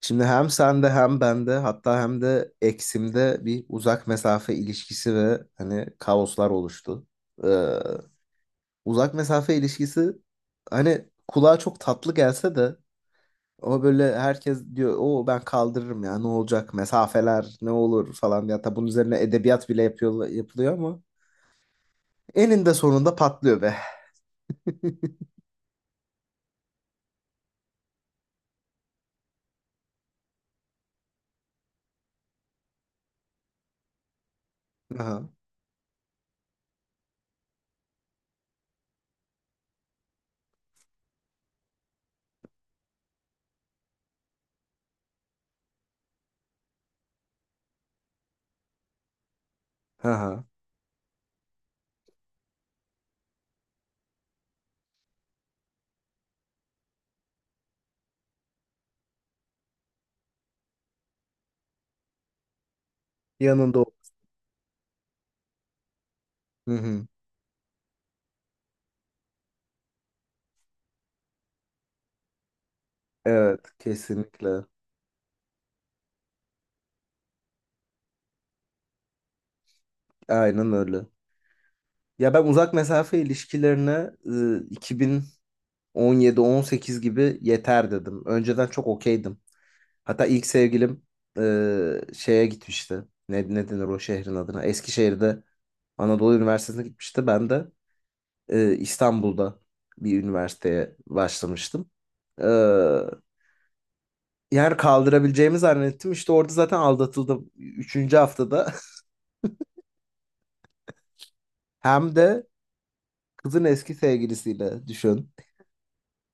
Şimdi hem sende hem bende hatta hem de eksimde bir uzak mesafe ilişkisi ve hani kaoslar oluştu. Ee, Uzak mesafe ilişkisi hani kulağa çok tatlı gelse de ama böyle herkes diyor o ben kaldırırım ya ne olacak mesafeler ne olur falan ya hatta bunun üzerine edebiyat bile yapıyor, yapılıyor ama eninde sonunda patlıyor be. Aha, aha. Yanında o. Hı hı. Evet, kesinlikle. Aynen öyle. Ya ben uzak mesafe ilişkilerine e, 2017-18 gibi yeter dedim. Önceden çok okeydim. Hatta ilk sevgilim şeye gitmişti. Ne denir o şehrin adına? Eskişehir'de Anadolu Üniversitesi'ne gitmişti. Ben de İstanbul'da bir üniversiteye başlamıştım. E, Yani kaldırabileceğimi zannettim. İşte orada zaten aldatıldım. Üçüncü haftada. Hem de kızın eski sevgilisiyle düşün.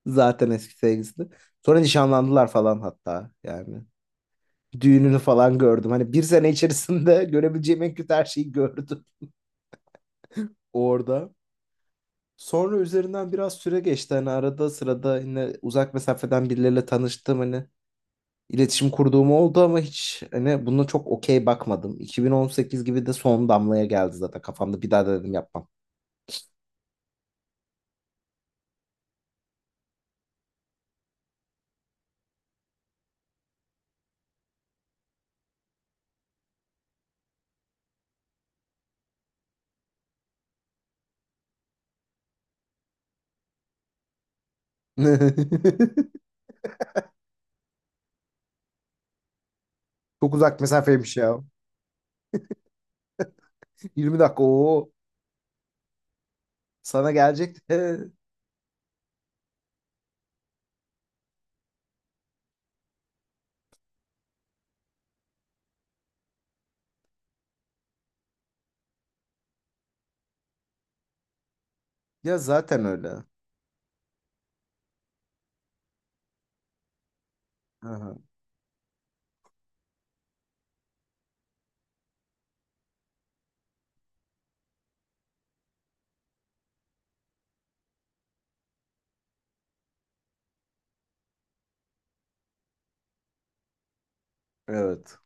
Zaten eski sevgilisi. Sonra nişanlandılar falan hatta yani. Düğününü falan gördüm. Hani bir sene içerisinde görebileceğim en kötü her şeyi gördüm orada. Sonra üzerinden biraz süre geçti. Hani arada sırada yine uzak mesafeden birileriyle tanıştım. Hani iletişim kurduğum oldu ama hiç hani buna çok okey bakmadım. 2018 gibi de son damlaya geldi zaten kafamda. Bir daha da dedim yapmam. Çok uzak mesafeymiş ya. 20 dakika o sana gelecek de ya zaten öyle. Aha. Evet.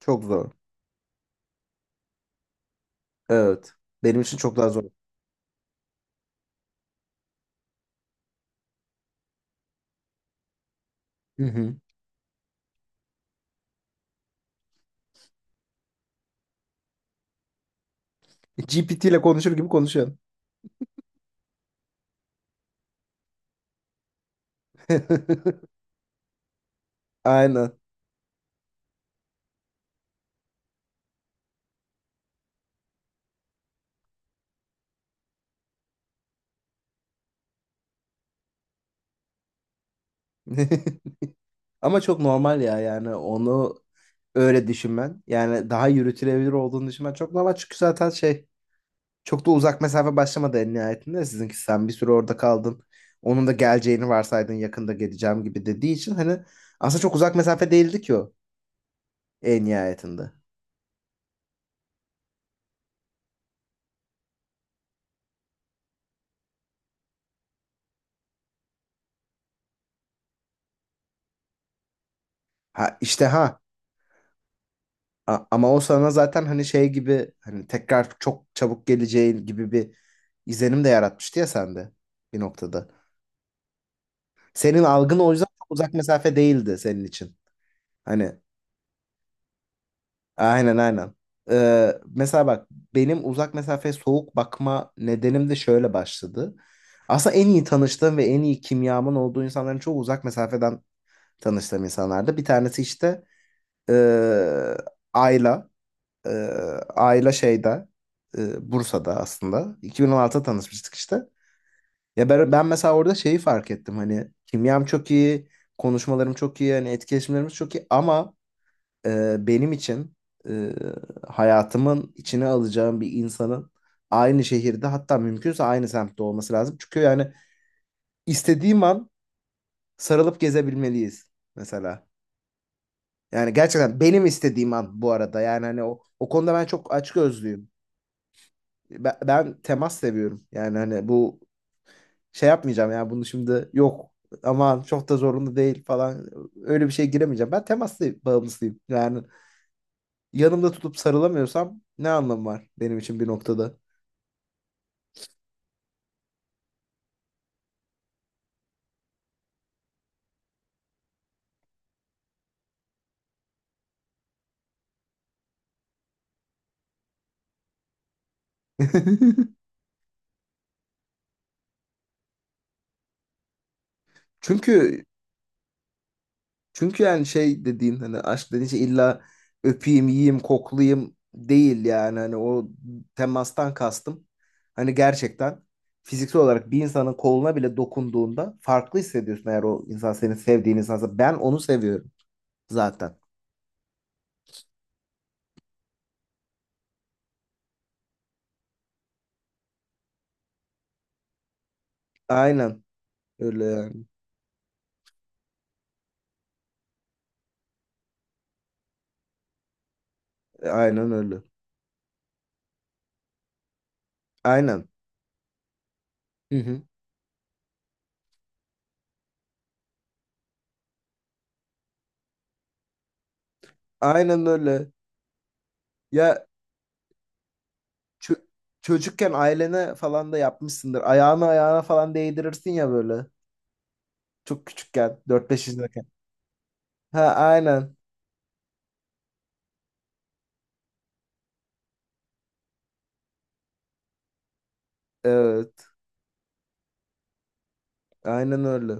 Çok zor. Evet. Benim için çok daha zor. Hı hı. GPT ile konuşur gibi konuşuyorsun. Aynen. Ama çok normal ya, yani onu öyle düşünmen. Yani daha yürütülebilir olduğunu düşünmen çok normal. Çünkü zaten şey, çok da uzak mesafe başlamadı en nihayetinde. Sizinki sen bir süre orada kaldın. Onun da geleceğini varsaydın yakında geleceğim gibi dediği için hani aslında çok uzak mesafe değildi ki o en nihayetinde. Ha işte ama o sana zaten hani şey gibi hani tekrar çok çabuk geleceğin gibi bir izlenim de yaratmıştı ya sende bir noktada. Senin algın o yüzden çok uzak mesafe değildi senin için. Hani aynen aynen. Mesela bak, benim uzak mesafeye soğuk bakma nedenim de şöyle başladı. Aslında en iyi tanıştığım ve en iyi kimyamın olduğu insanların çoğu uzak mesafeden tanıştığım insanlardı. Bir tanesi işte ee, Ayla. Ee, Ayla şeyde Bursa'da aslında. 2016'da tanışmıştık işte. Ya ben mesela orada şeyi fark ettim. Hani kimyam çok iyi, konuşmalarım çok iyi, hani etkileşimlerimiz çok iyi ama benim için e, hayatımın içine alacağım bir insanın aynı şehirde, hatta mümkünse aynı semtte olması lazım. Çünkü yani istediğim an sarılıp gezebilmeliyiz mesela. Yani gerçekten benim istediğim an, bu arada. Yani hani o konuda ben çok açgözlüyüm. Ben temas seviyorum. Yani hani bu şey yapmayacağım ya bunu, şimdi yok aman çok da zorunda değil falan, öyle bir şey giremeyeceğim. Ben temas bağımlısıyım. Yani yanımda tutup sarılamıyorsam ne anlamı var benim için bir noktada? Çünkü Çünkü yani şey dediğin, hani aşk dediğin şey illa öpeyim, yiyeyim, koklayayım değil yani. Hani o temastan kastım. Hani gerçekten fiziksel olarak bir insanın koluna bile dokunduğunda farklı hissediyorsun eğer o insan senin sevdiğin insansa. Ben onu seviyorum zaten. Aynen öyle yani. Aynen öyle. Aynen. Hı hı. Aynen öyle. Ya çö- çocukken ailene falan da yapmışsındır. Ayağını ayağına falan değdirirsin ya böyle. Çok küçükken, dört beş yaşındayken. Ha, aynen. Evet, aynen öyle.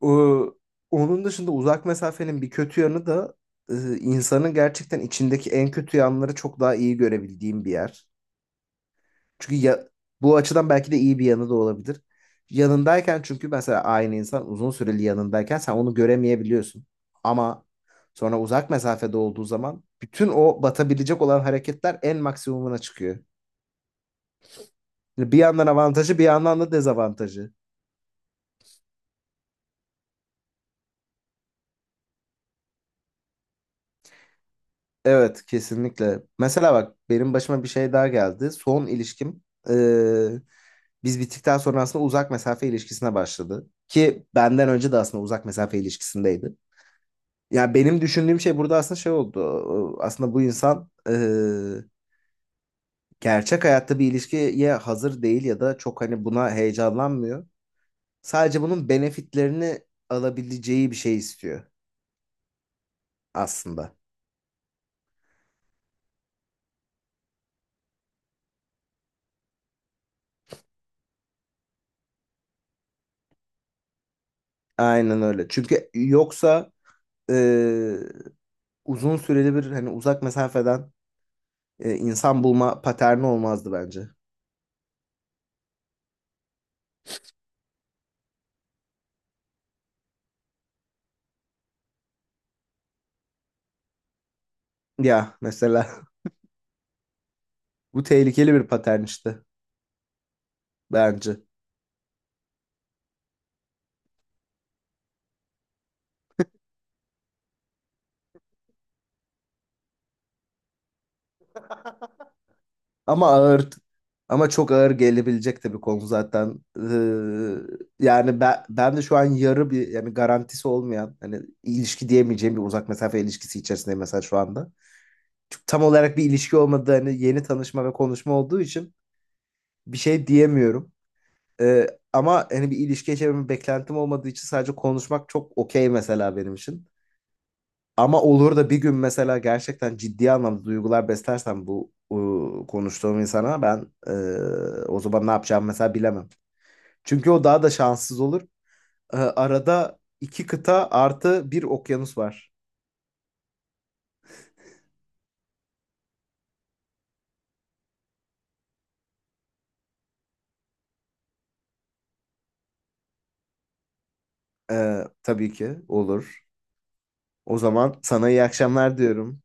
O- Onun dışında uzak mesafenin bir kötü yanı da insanın gerçekten içindeki en kötü yanları çok daha iyi görebildiğim bir yer. Çünkü ya, bu açıdan belki de iyi bir yanı da olabilir. Yanındayken, çünkü mesela aynı insan uzun süreli yanındayken sen onu göremeyebiliyorsun. Ama sonra uzak mesafede olduğu zaman bütün o batabilecek olan hareketler en maksimumuna çıkıyor. Yani bir yandan avantajı, bir yandan da dezavantajı. Evet, kesinlikle. Mesela bak, benim başıma bir şey daha geldi. Son ilişkim eee, biz bittikten sonra aslında uzak mesafe ilişkisine başladı. Ki benden önce de aslında uzak mesafe ilişkisindeydi. Yani benim düşündüğüm şey burada aslında şey oldu. Aslında bu insan gerçek hayatta bir ilişkiye hazır değil ya da çok hani buna heyecanlanmıyor. Sadece bunun benefitlerini alabileceği bir şey istiyor aslında. Aynen öyle. Çünkü yoksa e, uzun süreli bir hani uzak mesafeden insan bulma paterni olmazdı bence. Ya mesela bu tehlikeli bir patern işte bence. Ama ağır, ama çok ağır gelebilecek tabii konu zaten. Yani ben de şu an yarı bir, yani garantisi olmayan, hani ilişki diyemeyeceğim bir uzak mesafe ilişkisi içerisindeyim mesela şu anda. Çünkü tam olarak bir ilişki olmadığı, hani yeni tanışma ve konuşma olduğu için bir şey diyemiyorum. Ee, Ama hani bir ilişki yaşamamın beklentim olmadığı için sadece konuşmak çok okey mesela benim için. Ama olur da bir gün mesela gerçekten ciddi anlamda duygular beslersem bu konuştuğum insana ben, o zaman ne yapacağımı mesela bilemem. Çünkü o daha da şanssız olur. Arada iki kıta artı bir okyanus var. Tabii ki olur. O zaman sana iyi akşamlar diyorum.